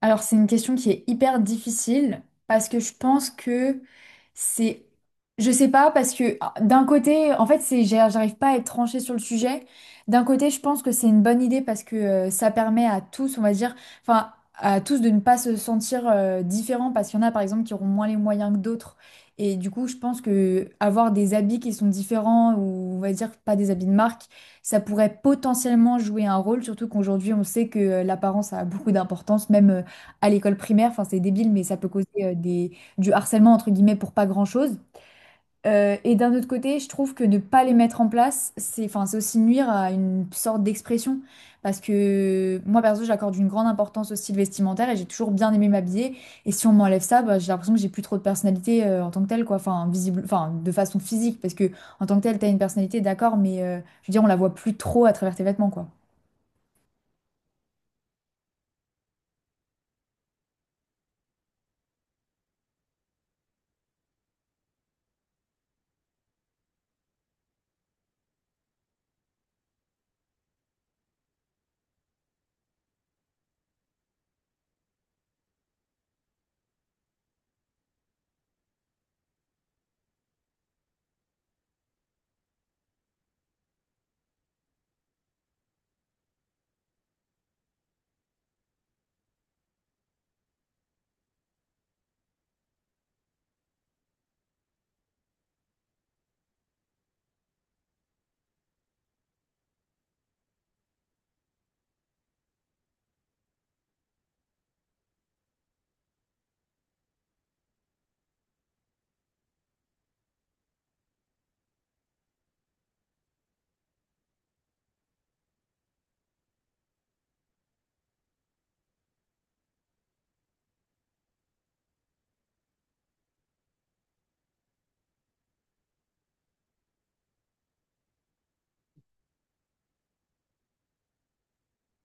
Alors, c'est une question qui est hyper difficile parce que je pense que c'est. Je sais pas, parce que ah, d'un côté, en fait, c'est, j'arrive pas à être tranchée sur le sujet. D'un côté, je pense que c'est une bonne idée parce que ça permet à tous, on va dire, enfin, à tous de ne pas se sentir différents parce qu'il y en a, par exemple, qui auront moins les moyens que d'autres. Et du coup, je pense que avoir des habits qui sont différents ou, on va dire, pas des habits de marque, ça pourrait potentiellement jouer un rôle, surtout qu'aujourd'hui, on sait que l'apparence a beaucoup d'importance, même à l'école primaire. Enfin, c'est débile, mais ça peut causer du harcèlement, entre guillemets, pour pas grand-chose. Et d'un autre côté, je trouve que ne pas les mettre en place, c'est enfin, c'est aussi nuire à une sorte d'expression. Parce que moi, perso, j'accorde une grande importance au style vestimentaire et j'ai toujours bien aimé m'habiller. Et si on m'enlève ça, bah, j'ai l'impression que j'ai plus trop de personnalité en tant que telle, quoi. Enfin, visible, enfin, de façon physique, parce que en tant que telle, t'as une personnalité, d'accord, mais je veux dire, on la voit plus trop à travers tes vêtements, quoi.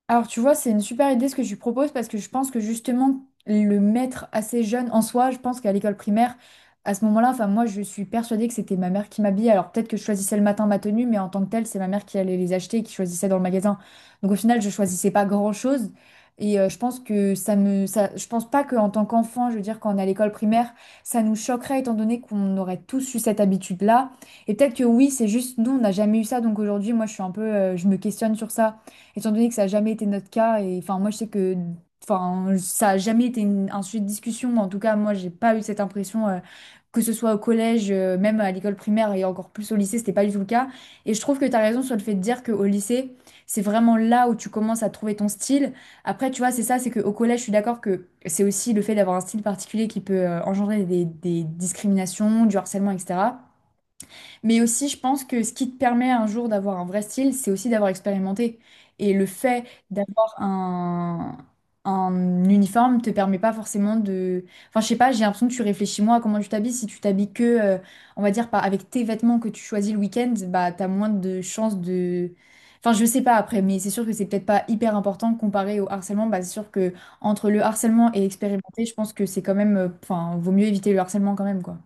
Alors, tu vois, c'est une super idée ce que tu proposes parce que je pense que justement, le mettre assez jeune en soi, je pense qu'à l'école primaire, à ce moment-là, enfin, moi, je suis persuadée que c'était ma mère qui m'habillait. Alors, peut-être que je choisissais le matin ma tenue, mais en tant que telle, c'est ma mère qui allait les acheter et qui choisissait dans le magasin. Donc, au final, je choisissais pas grand-chose. Et je pense que ça me. Ça, je pense pas qu'en tant qu'enfant, je veux dire, quand on est à l'école primaire, ça nous choquerait étant donné qu'on aurait tous eu cette habitude-là. Et peut-être que oui, c'est juste, nous, on n'a jamais eu ça. Donc, aujourd'hui, moi, je suis un peu. Je me questionne sur ça étant donné que ça n'a jamais été notre cas, et enfin, moi, je sais que enfin, ça n'a jamais été un sujet de discussion, mais en tout cas, moi, j'ai pas eu cette impression, que ce soit au collège, même à l'école primaire et encore plus au lycée, c'était pas du tout le cas. Et je trouve que tu as raison sur le fait de dire qu'au lycée, c'est vraiment là où tu commences à trouver ton style. Après, tu vois, c'est ça, c'est qu'au collège, je suis d'accord que c'est aussi le fait d'avoir un style particulier qui peut engendrer des discriminations, du harcèlement, etc. Mais aussi, je pense que ce qui te permet un jour d'avoir un vrai style, c'est aussi d'avoir expérimenté. Et le fait d'avoir un, uniforme te permet pas forcément de... Enfin, je sais pas, j'ai l'impression que tu réfléchis moins à comment tu t'habilles. Si tu t'habilles que, on va dire, pas avec tes vêtements que tu choisis le week-end, bah, t'as moins de chances de... Enfin, je sais pas après, mais c'est sûr que c'est peut-être pas hyper important comparé au harcèlement. Bah, c'est sûr que entre le harcèlement et expérimenter, je pense que c'est quand même... Enfin, vaut mieux éviter le harcèlement quand même, quoi.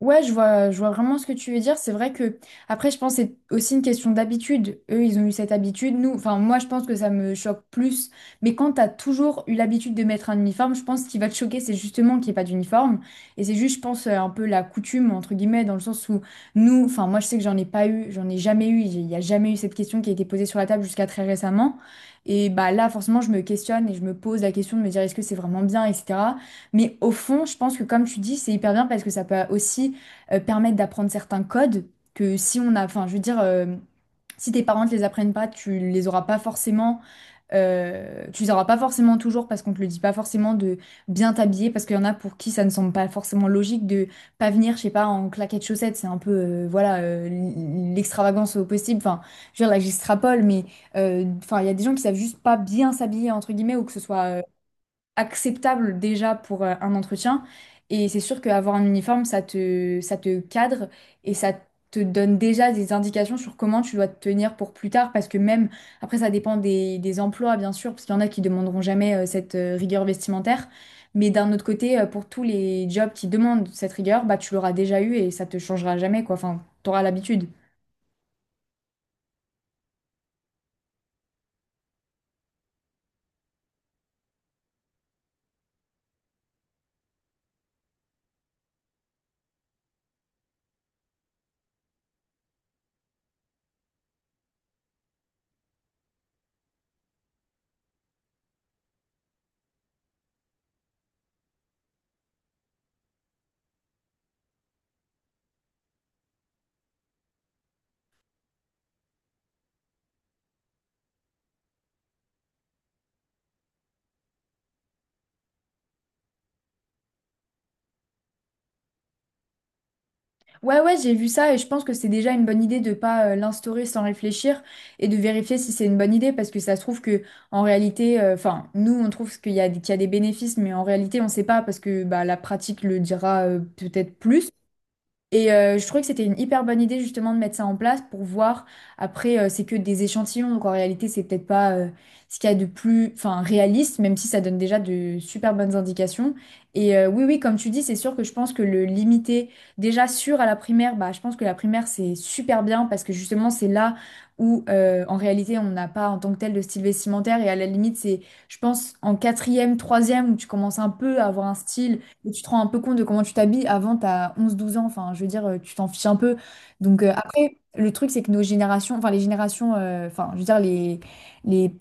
Ouais, je vois vraiment ce que tu veux dire. C'est vrai que, après, je pense que c'est aussi une question d'habitude. Eux, ils ont eu cette habitude. Nous, enfin, moi, je pense que ça me choque plus. Mais quand t'as toujours eu l'habitude de mettre un uniforme, je pense qu'il va te choquer, c'est justement qu'il n'y ait pas d'uniforme. Et c'est juste, je pense, un peu la coutume, entre guillemets, dans le sens où nous, enfin, moi, je sais que j'en ai pas eu, j'en ai jamais eu. Il n'y a jamais eu cette question qui a été posée sur la table jusqu'à très récemment. Et bah là, forcément, je me questionne et je me pose la question de me dire est-ce que c'est vraiment bien, etc. Mais au fond, je pense que, comme tu dis, c'est hyper bien parce que ça peut aussi permettent d'apprendre certains codes que si on a, enfin, je veux dire, si tes parents ne les apprennent pas, tu les auras pas forcément, tu les auras pas forcément toujours parce qu'on te le dit pas forcément de bien t'habiller parce qu'il y en a pour qui ça ne semble pas forcément logique de pas venir, je sais pas, en claquettes chaussettes, c'est un peu, voilà, l'extravagance au possible. Enfin, je veux dire, là, j'extrapole, mais enfin, il y a des gens qui savent juste pas bien s'habiller entre guillemets ou que ce soit acceptable déjà pour un entretien. Et c'est sûr qu'avoir un uniforme, ça te cadre et ça te donne déjà des indications sur comment tu dois te tenir pour plus tard. Parce que même, après, ça dépend des emplois, bien sûr, parce qu'il y en a qui demanderont jamais cette rigueur vestimentaire. Mais d'un autre côté, pour tous les jobs qui demandent cette rigueur, bah, tu l'auras déjà eu et ça te changera jamais, quoi. Enfin, t'auras l'habitude. Ouais, ouais, j'ai vu ça et je pense que c'est déjà une bonne idée de pas l'instaurer sans réfléchir et de vérifier si c'est une bonne idée parce que ça se trouve que en réalité, enfin, nous on trouve qu'il y a des bénéfices, mais en réalité on sait pas parce que bah, la pratique le dira peut-être plus. Et je trouvais que c'était une hyper bonne idée justement de mettre ça en place pour voir. Après, c'est que des échantillons, donc en réalité, c'est peut-être pas ce qu'il y a de plus, enfin, réaliste, même si ça donne déjà de super bonnes indications. Et oui, oui, comme tu dis, c'est sûr que je pense que le limiter déjà sûr à la primaire, bah, je pense que la primaire, c'est super bien parce que justement, c'est là où en réalité, on n'a pas en tant que tel de style vestimentaire. Et à la limite, c'est, je pense, en quatrième, troisième, où tu commences un peu à avoir un style et tu te rends un peu compte de comment tu t'habilles. Avant, t'as 11 12 ans, enfin, je veux dire, tu t'en fiches un peu. Donc après, le truc, c'est que nos générations, enfin les générations, enfin, je veux dire, les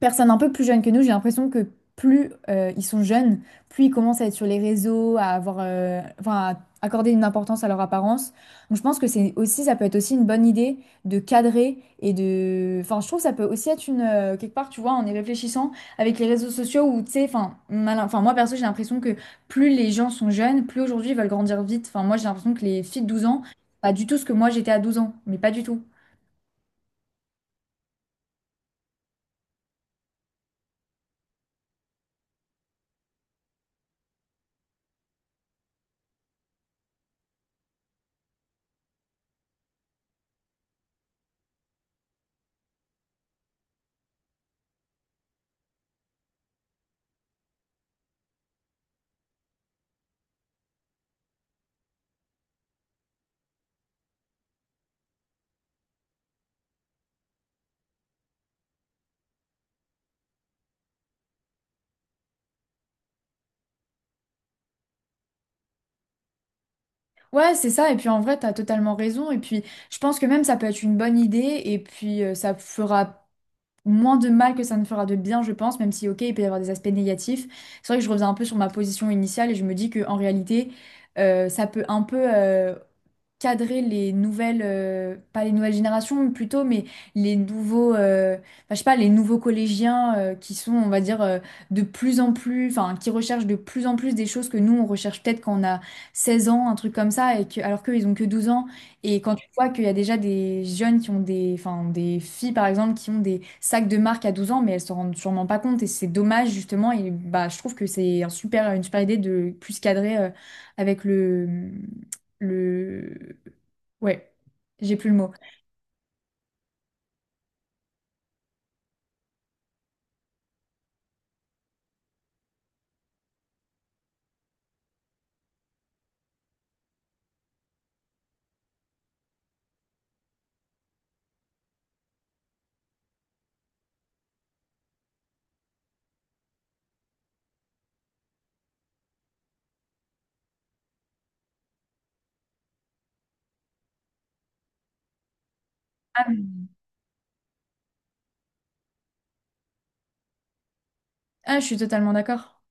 personnes un peu plus jeunes que nous, j'ai l'impression que plus ils sont jeunes, plus ils commencent à être sur les réseaux, à avoir, enfin, à accorder une importance à leur apparence. Donc je pense que c'est aussi, ça peut être aussi une bonne idée de cadrer et de, enfin, je trouve que ça peut aussi être une quelque part, tu vois, en y réfléchissant avec les réseaux sociaux où tu sais, enfin, enfin, moi perso, j'ai l'impression que plus les gens sont jeunes, plus aujourd'hui ils veulent grandir vite. Enfin, moi j'ai l'impression que les filles de 12 ans, pas du tout ce que moi j'étais à 12 ans, mais pas du tout. Ouais, c'est ça. Et puis en vrai, t'as totalement raison. Et puis je pense que même ça peut être une bonne idée. Et puis ça fera moins de mal que ça ne fera de bien, je pense, même si, ok, il peut y avoir des aspects négatifs. C'est vrai que je reviens un peu sur ma position initiale et je me dis que en réalité, ça peut un peu cadrer les nouvelles, pas les nouvelles générations plutôt, mais les nouveaux, enfin, je sais pas, les nouveaux collégiens qui sont, on va dire, de plus en plus, enfin, qui recherchent de plus en plus des choses que nous, on recherche peut-être quand on a 16 ans, un truc comme ça, et que, alors qu'eux, ils ont que 12 ans. Et quand tu vois qu'il y a déjà des jeunes qui ont des, enfin, des filles par exemple qui ont des sacs de marque à 12 ans, mais elles se rendent sûrement pas compte et c'est dommage justement. Et bah, je trouve que c'est un super, une super idée de plus cadrer avec le, le, ouais, j'ai plus le mot. Ah, ah, je suis totalement d'accord.